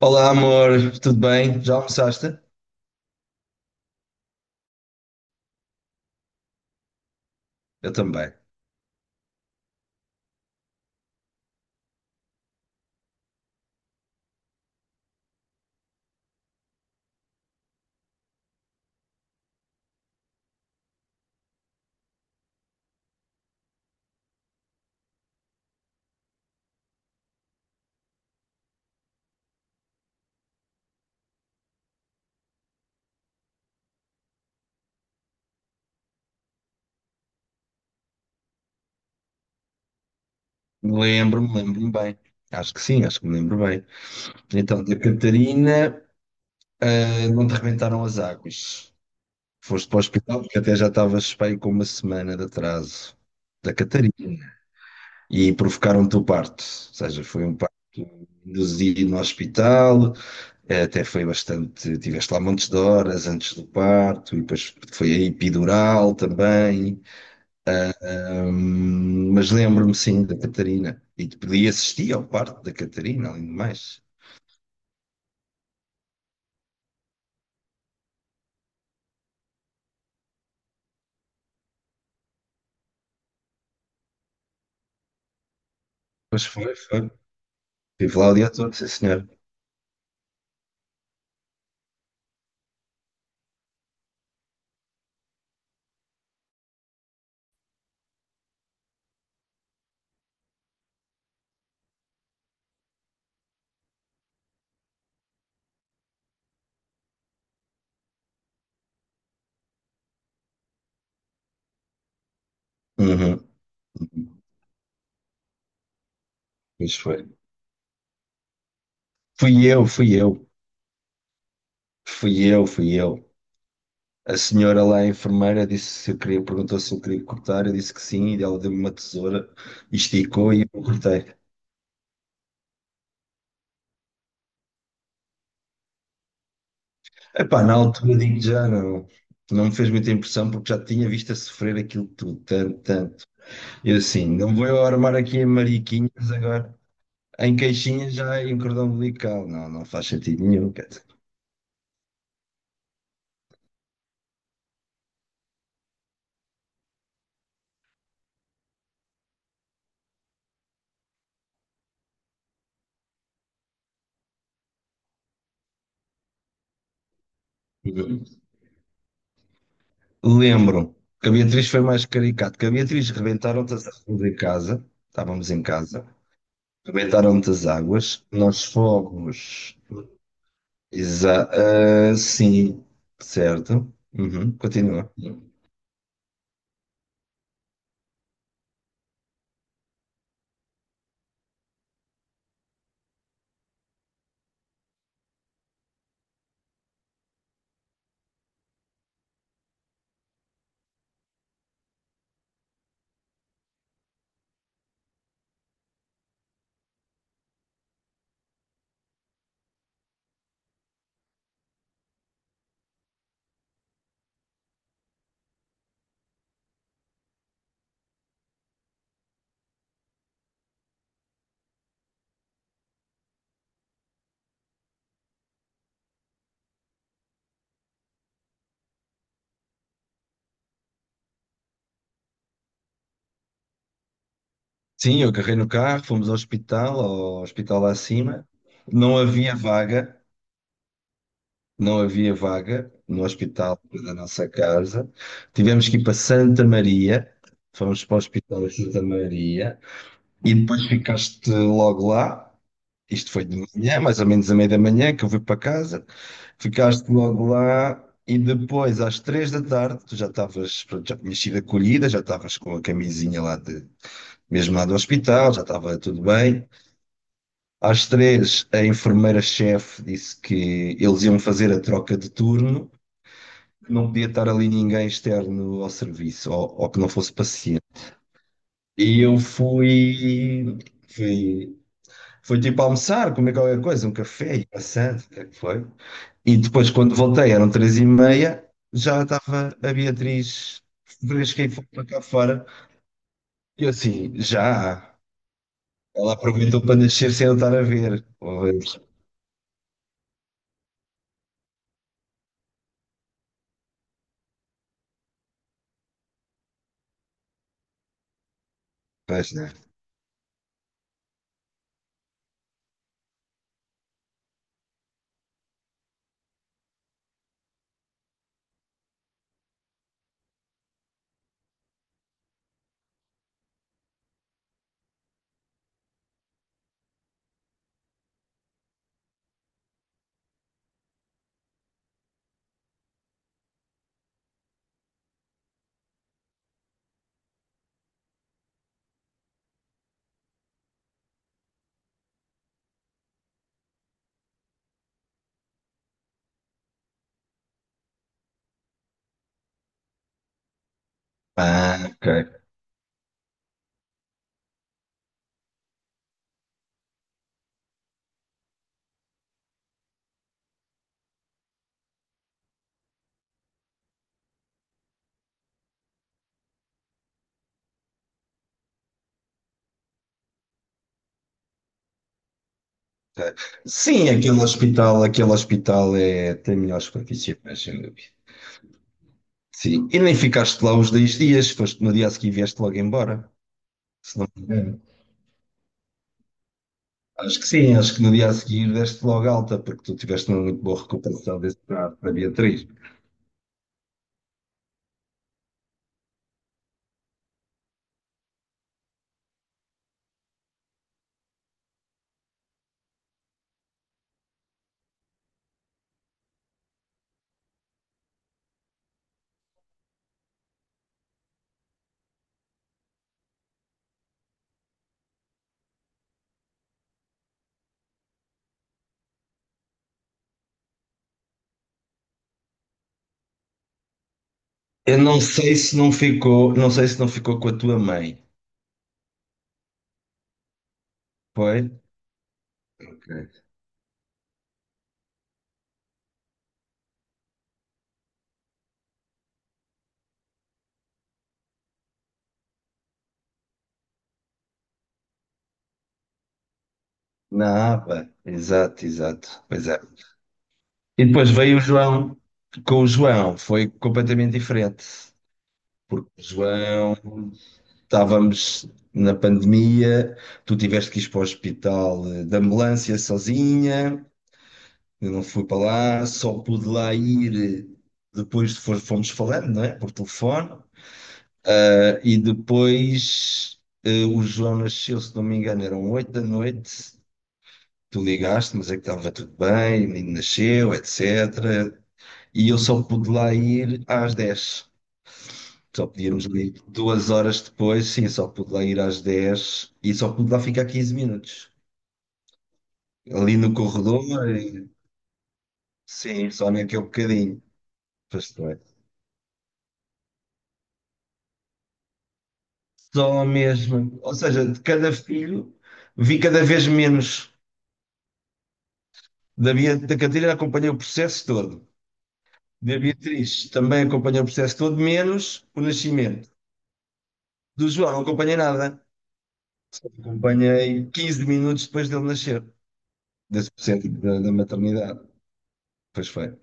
Olá, amor, tudo bem? Já almoçaste? Eu também. Lembro-me bem. Acho que me lembro bem. Então, da Catarina, não te arrebentaram as águas. Foste para o hospital porque até já estavas bem com uma semana de atraso da Catarina e provocaram-te o parto. Ou seja, foi um parto induzido no hospital, até foi bastante. Tiveste lá montes de horas antes do parto e depois foi a epidural também. Mas lembro-me sim da Catarina. E podia assistir ao parto da Catarina, além de mais. Pois foi, foi. Estive lá o dia todo, sim senhor. Uhum. Pois foi. Fui eu, fui eu. Fui eu, fui eu. A senhora lá, a enfermeira, disse se eu queria, perguntou se eu queria cortar, eu disse que sim, e ela deu-me uma tesoura, e esticou e eu cortei. Epá, na altura digo já não. Não me fez muita impressão porque já tinha visto a sofrer aquilo tudo, tanto, tanto. E eu assim, não vou eu armar aqui em mariquinhas agora. Em caixinha já em cordão umbilical. Não, não faz sentido nenhum. Quer dizer. Lembro que a Beatriz foi mais caricato. Que a Beatriz rebentaram-te as águas em casa. Estávamos em casa. Rebentaram-te as águas. Nós fomos. Sim, certo. Uhum, continua. Sim, eu carrei no carro, fomos ao hospital lá acima. Não havia vaga. Não havia vaga no hospital da nossa casa. Tivemos que ir para Santa Maria, fomos para o hospital de Santa Maria e depois ficaste logo lá. Isto foi de manhã, mais ou menos a meia da manhã, que eu fui para casa. Ficaste logo lá e depois, às 3 da tarde, tu já estavas, pronto, já tinhas sido acolhida, já estavas com a camisinha lá de, mesmo lá do hospital, já estava tudo bem. Às 3, a enfermeira-chefe disse que eles iam fazer a troca de turno, não podia estar ali ninguém externo ao serviço, ou que não fosse paciente. E eu fui, fui, tipo almoçar, comer qualquer coisa, um café, e passando, o que é que foi? E depois, quando voltei, eram 3 e meia, já estava a Beatriz fresca e foi para cá fora. E eu assim, já. Ela aproveitou para nascer sem eu estar a ver. Pois, pois, né? Ah, ok. Ok. Sim, aquele hospital, é, tem melhores profissionais, sem dúvida. Sim, e nem ficaste lá os 10 dias, foste no dia a seguir e vieste logo embora. Se não me engano. Acho que sim, acho que no dia a seguir deste logo alta, porque tu tiveste uma muito boa recuperação desse trabalho para a Beatriz. Eu não sei se não ficou, não sei se não ficou com a tua mãe, foi? Ok. Na APA, exato, exato, pois é. E depois veio o João, com o João foi completamente diferente, porque o João, estávamos na pandemia, tu tiveste que ir para o hospital, de ambulância sozinha, eu não fui para lá, só pude lá ir, depois de fomos falando, não é? Por telefone. E depois, o João nasceu, se não me engano, eram 8 da noite, tu ligaste, mas é que estava tudo bem, o menino nasceu, etc. E eu só pude lá ir às 10. Só podíamos ir 2 horas depois, sim, só pude lá ir às 10 e só pude lá ficar 15 minutos. Ali no corredor e sim, só naquele bocadinho. Pois não é. Só mesmo. Ou seja, de cada filho vi cada vez menos. Da Catarina acompanhei o processo todo. Da Beatriz também acompanhei o processo todo, menos o nascimento. Do João não acompanhei nada. Só acompanhei 15 minutos depois dele nascer, desse processo da, da maternidade. Pois foi.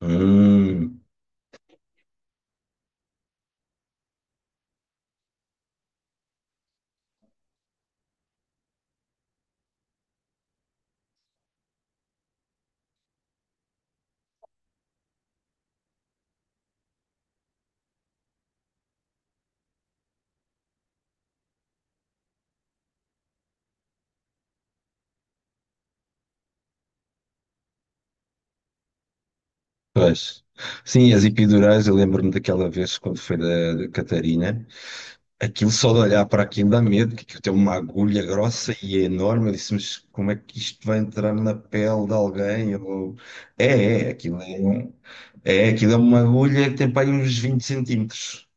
Hum, pois. Sim, as epidurais, eu lembro-me daquela vez quando foi da Catarina. Aquilo só de olhar para aquilo dá medo, que aquilo tem uma agulha grossa e é enorme. Eu disse, mas como é que isto vai entrar na pele de alguém? Ou... É, aquilo é uma agulha que tem para aí uns 20 centímetros.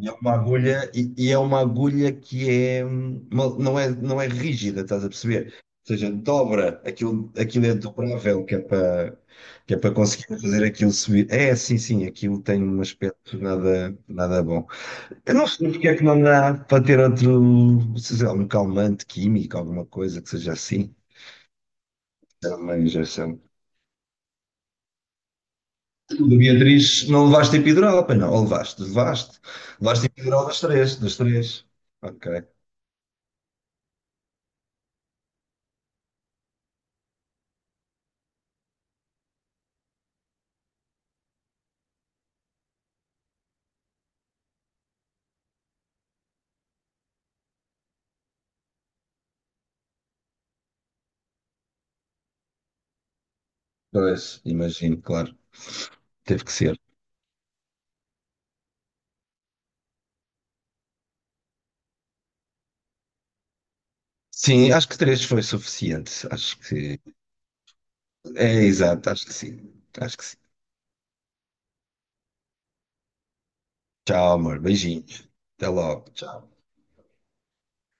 E é uma agulha que é, não é rígida, estás a perceber? Ou seja, dobra, aquilo é dobrável, que é para conseguir fazer aquilo subir. É, sim, sim, aquilo tem um aspecto nada, nada bom. Eu não sei porque é que não dá para ter outro, sei lá, um calmante químico, alguma coisa que seja assim. Era uma injeção. Tu, da Beatriz, não levaste epidural, pois não? Ou levaste? Levaste? Levaste epidural das três. Ok. Dois, imagino, claro. Teve que ser. Sim, acho que três foi suficiente. Acho que. É, exato, acho que sim. Acho que sim. Tchau, amor. Beijinhos. Até logo. Tchau.